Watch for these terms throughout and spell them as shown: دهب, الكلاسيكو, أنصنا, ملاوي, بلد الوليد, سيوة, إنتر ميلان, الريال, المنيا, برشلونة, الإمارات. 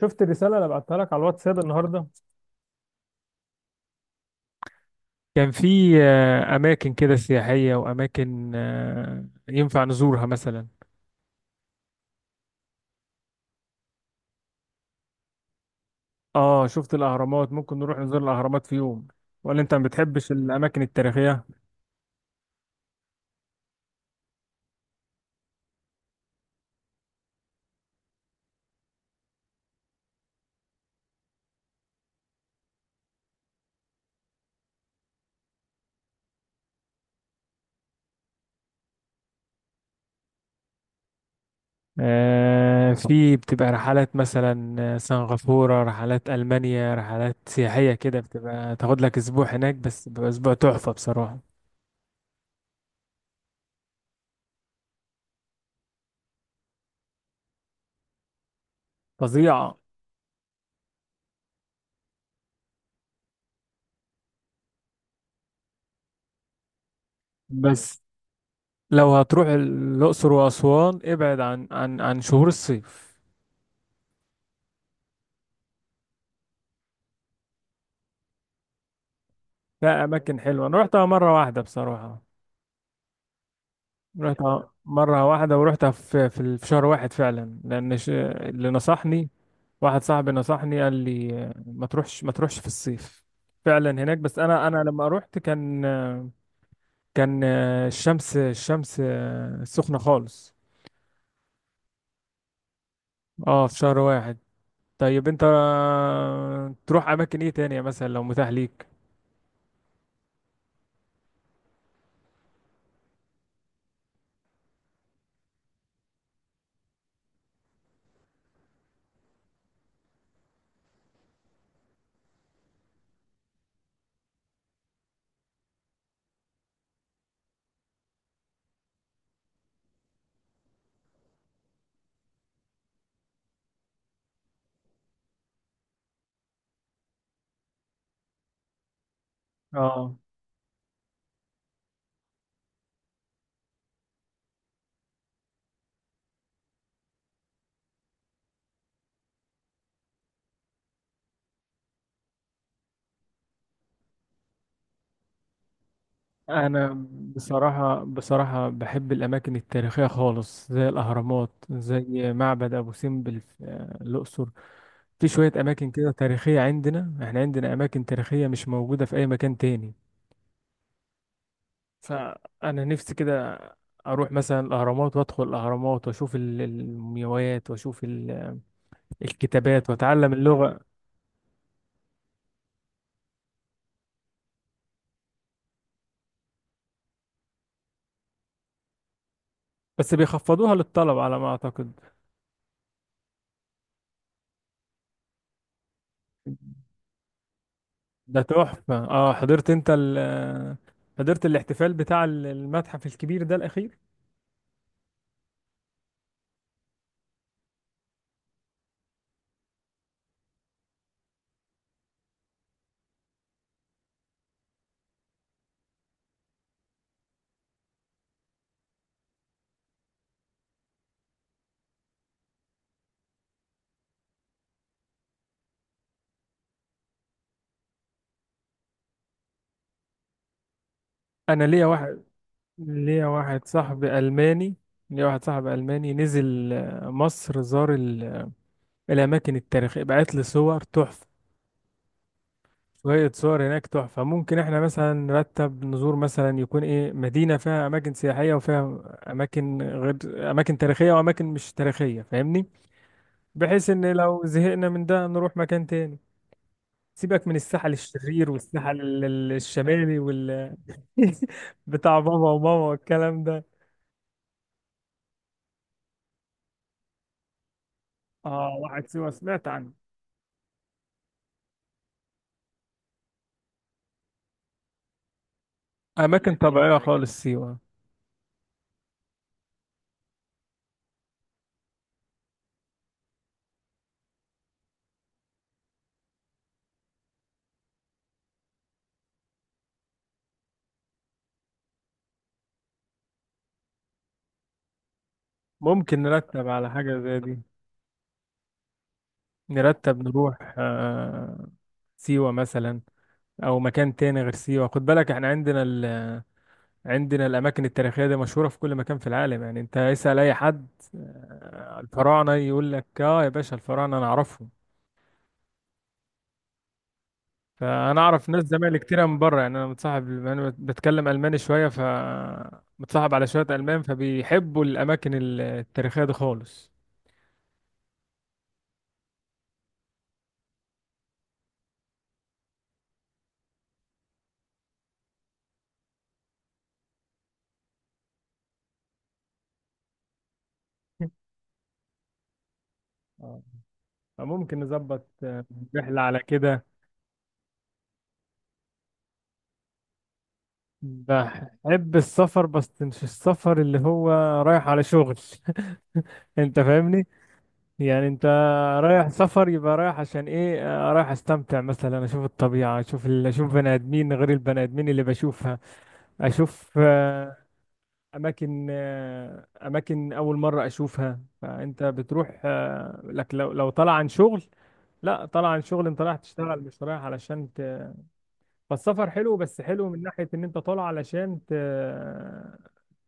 شفت الرسالة اللي بعتها لك على الواتساب النهاردة؟ كان في أماكن كده سياحية، وأماكن ينفع نزورها مثلا. اه، شفت الأهرامات. ممكن نروح نزور الأهرامات في يوم. ولا أنت ما بتحبش الأماكن التاريخية؟ في بتبقى رحلات مثلا، سنغافورة، رحلات ألمانيا، رحلات سياحية كده بتبقى تاخد لك أسبوع هناك، بس بيبقى أسبوع تحفة بصراحة. فظيعة. بس لو هتروح الأقصر وأسوان، ابعد عن شهور الصيف. لا، اماكن حلوه، انا رحتها مره واحده بصراحه. رحتها مره واحده، ورحتها في شهر واحد فعلا، لان اللي نصحني واحد صاحبي، نصحني قال لي ما تروحش في الصيف فعلا هناك. بس انا لما رحت كان الشمس سخنه خالص. اه، في شهر واحد. طيب، انت تروح اماكن ايه تانية مثلا لو متاح ليك؟ اه، انا بصراحه بصراحه بحب الاماكن التاريخيه خالص، زي الاهرامات، زي معبد ابو سمبل في الاقصر. في شويه اماكن كده تاريخيه عندنا. احنا عندنا اماكن تاريخيه مش موجوده في اي مكان تاني. فانا نفسي كده اروح مثلا الاهرامات، وادخل الاهرامات، واشوف المومياوات، واشوف الكتابات، واتعلم اللغه. بس بيخفضوها للطلب على ما اعتقد. ده تحفة. اه، حضرت الاحتفال بتاع المتحف الكبير ده الأخير؟ أنا ليا واحد ليا واحد صاحبي ألماني ليا واحد صاحبي ألماني نزل مصر، زار الأماكن التاريخية، بعت لي صور تحفة. شوية صور هناك تحفة. ممكن احنا مثلا نرتب نزور مثلا، يكون ايه، مدينة فيها أماكن سياحية، وفيها أماكن غير أماكن تاريخية، وأماكن مش تاريخية، فاهمني؟ بحيث إن لو زهقنا من ده نروح مكان تاني. سيبك من السحل الشرير، والسحل الشمالي، وال بتاع بابا وماما والكلام ده. اه، واحد، سيوة سمعت عنه. أماكن طبيعية خالص سيوة. ممكن نرتب على حاجة زي دي. نرتب نروح سيوة مثلا. أو مكان تاني غير سيوة. خد بالك، احنا عندنا عندنا الأماكن التاريخية دي مشهورة في كل مكان في العالم. يعني أنت اسأل أي حد، الفراعنة، يقول لك اه يا باشا، الفراعنة أنا أعرفهم. فانا اعرف ناس، زمايلي كتيره من بره، يعني انا متصاحب، انا بتكلم الماني شويه، ف متصاحب على شويه المان، فبيحبوا الاماكن التاريخيه دي خالص. آه. فممكن نظبط رحله على كده. بحب السفر، بس مش السفر اللي هو رايح على شغل. انت فاهمني. يعني انت رايح سفر يبقى رايح عشان ايه؟ رايح استمتع مثلا، اشوف الطبيعة، اشوف اشوف بني ادمين غير البني ادمين اللي بشوفها، اشوف اماكن اول مره اشوفها. فانت بتروح لك، لو طالع عن شغل، لا طالع عن شغل انت رايح تشتغل مش رايح علشان فالسفر حلو، بس حلو من ناحيه ان انت طالع علشان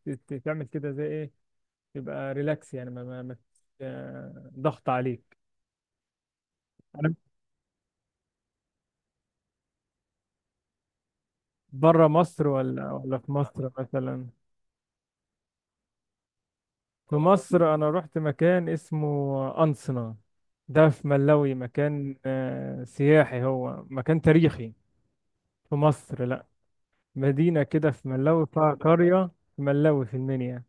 تعمل كده زي ايه، تبقى ريلاكس يعني ما ضغط عليك. انا، بره مصر ولا في مصر مثلا؟ في مصر انا رحت مكان اسمه أنصنا. ده في ملاوي، مكان سياحي، هو مكان تاريخي. في مصر، لا. مدينة كده في ملاوي، فيها قرية في ملاوي، في المنيا.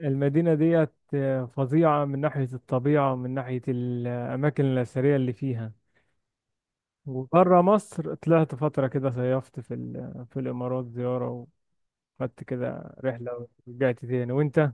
المدينة ديت فظيعة من ناحية الطبيعة، ومن ناحية الأماكن الأثرية اللي فيها. وبره مصر، طلعت فترة كده، صيفت في الإمارات زيارة، وخدت كده رحلة ورجعت تاني. وأنت؟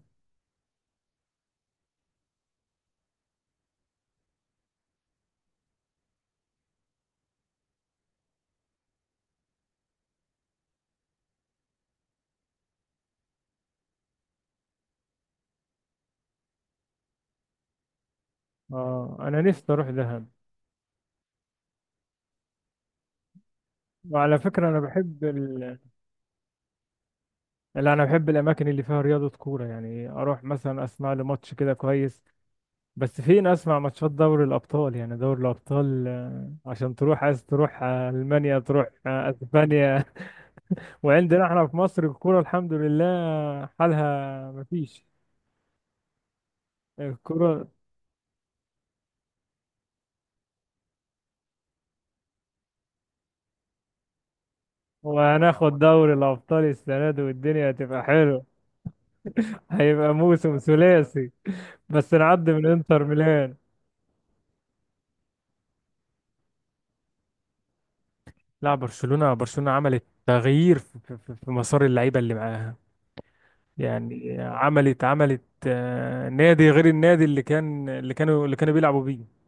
أنا نفسي أروح دهب. وعلى فكرة، أنا بحب ال لا، انا بحب الاماكن اللي فيها رياضه، كوره، يعني اروح مثلا اسمع لي ماتش كده كويس. بس فين اسمع ماتشات دوري الابطال؟ يعني دوري الابطال، عشان تروح عايز تروح المانيا، تروح اسبانيا. وعندنا احنا في مصر الكوره، الحمد لله، حالها مفيش الكوره. وهناخد دوري الابطال السنه دي، والدنيا هتبقى حلوه، هيبقى موسم ثلاثي. بس نعدي من انتر ميلان. لا، برشلونة عملت تغيير في مسار اللعيبة اللي معاها. يعني عملت نادي غير النادي اللي كان، اللي كانوا بيلعبوا بيه.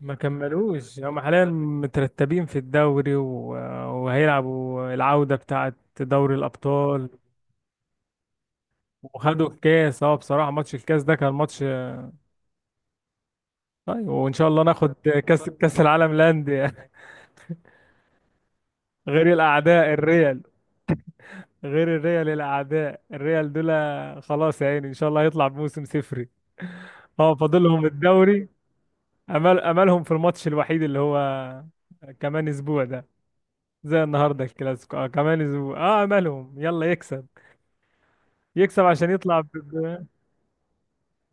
ما كملوش. هم حاليا مترتبين في الدوري، وهيلعبوا العودة بتاعة دوري الأبطال. وخدوا الكاس. اه بصراحة، ماتش الكاس ده كان ماتش. طيب، وإن شاء الله ناخد كاس العالم للأندية. غير الأعداء الريال. غير الريال، الأعداء الريال دول. خلاص يا عيني، إن شاء الله هيطلع بموسم صفري. اه، فاضلهم الدوري. املهم في الماتش الوحيد اللي هو كمان اسبوع ده، زي النهارده الكلاسيكو. اه كمان اسبوع، اه املهم يلا يكسب، يكسب عشان يطلع.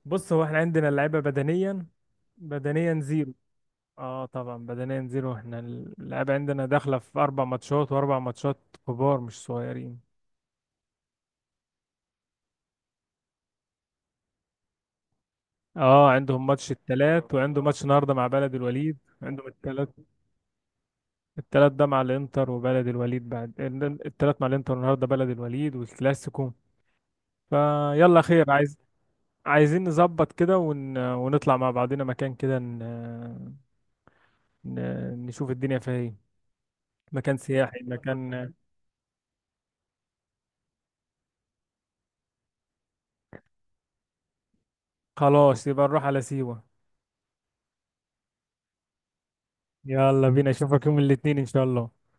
بص، هو احنا عندنا اللعيبه بدنيا، زيرو. اه طبعا، بدنيا زيرو. احنا اللعيبه عندنا داخله في اربع ماتشات، واربع ماتشات كبار مش صغيرين. اه، عندهم ماتش التلات، وعنده ماتش النهارده مع بلد الوليد، عندهم التلات. التلات ده مع الانتر، وبلد الوليد بعد. التلات مع الانتر، النهارده بلد الوليد والكلاسيكو. فيلا خير. عايزين نظبط كده، ونطلع مع بعضنا مكان كده، ن... نشوف الدنيا فيها ايه، مكان سياحي، مكان. خلاص، يبقى نروح على سيوة. يلا بينا، اشوفك يوم الاثنين ان شاء الله.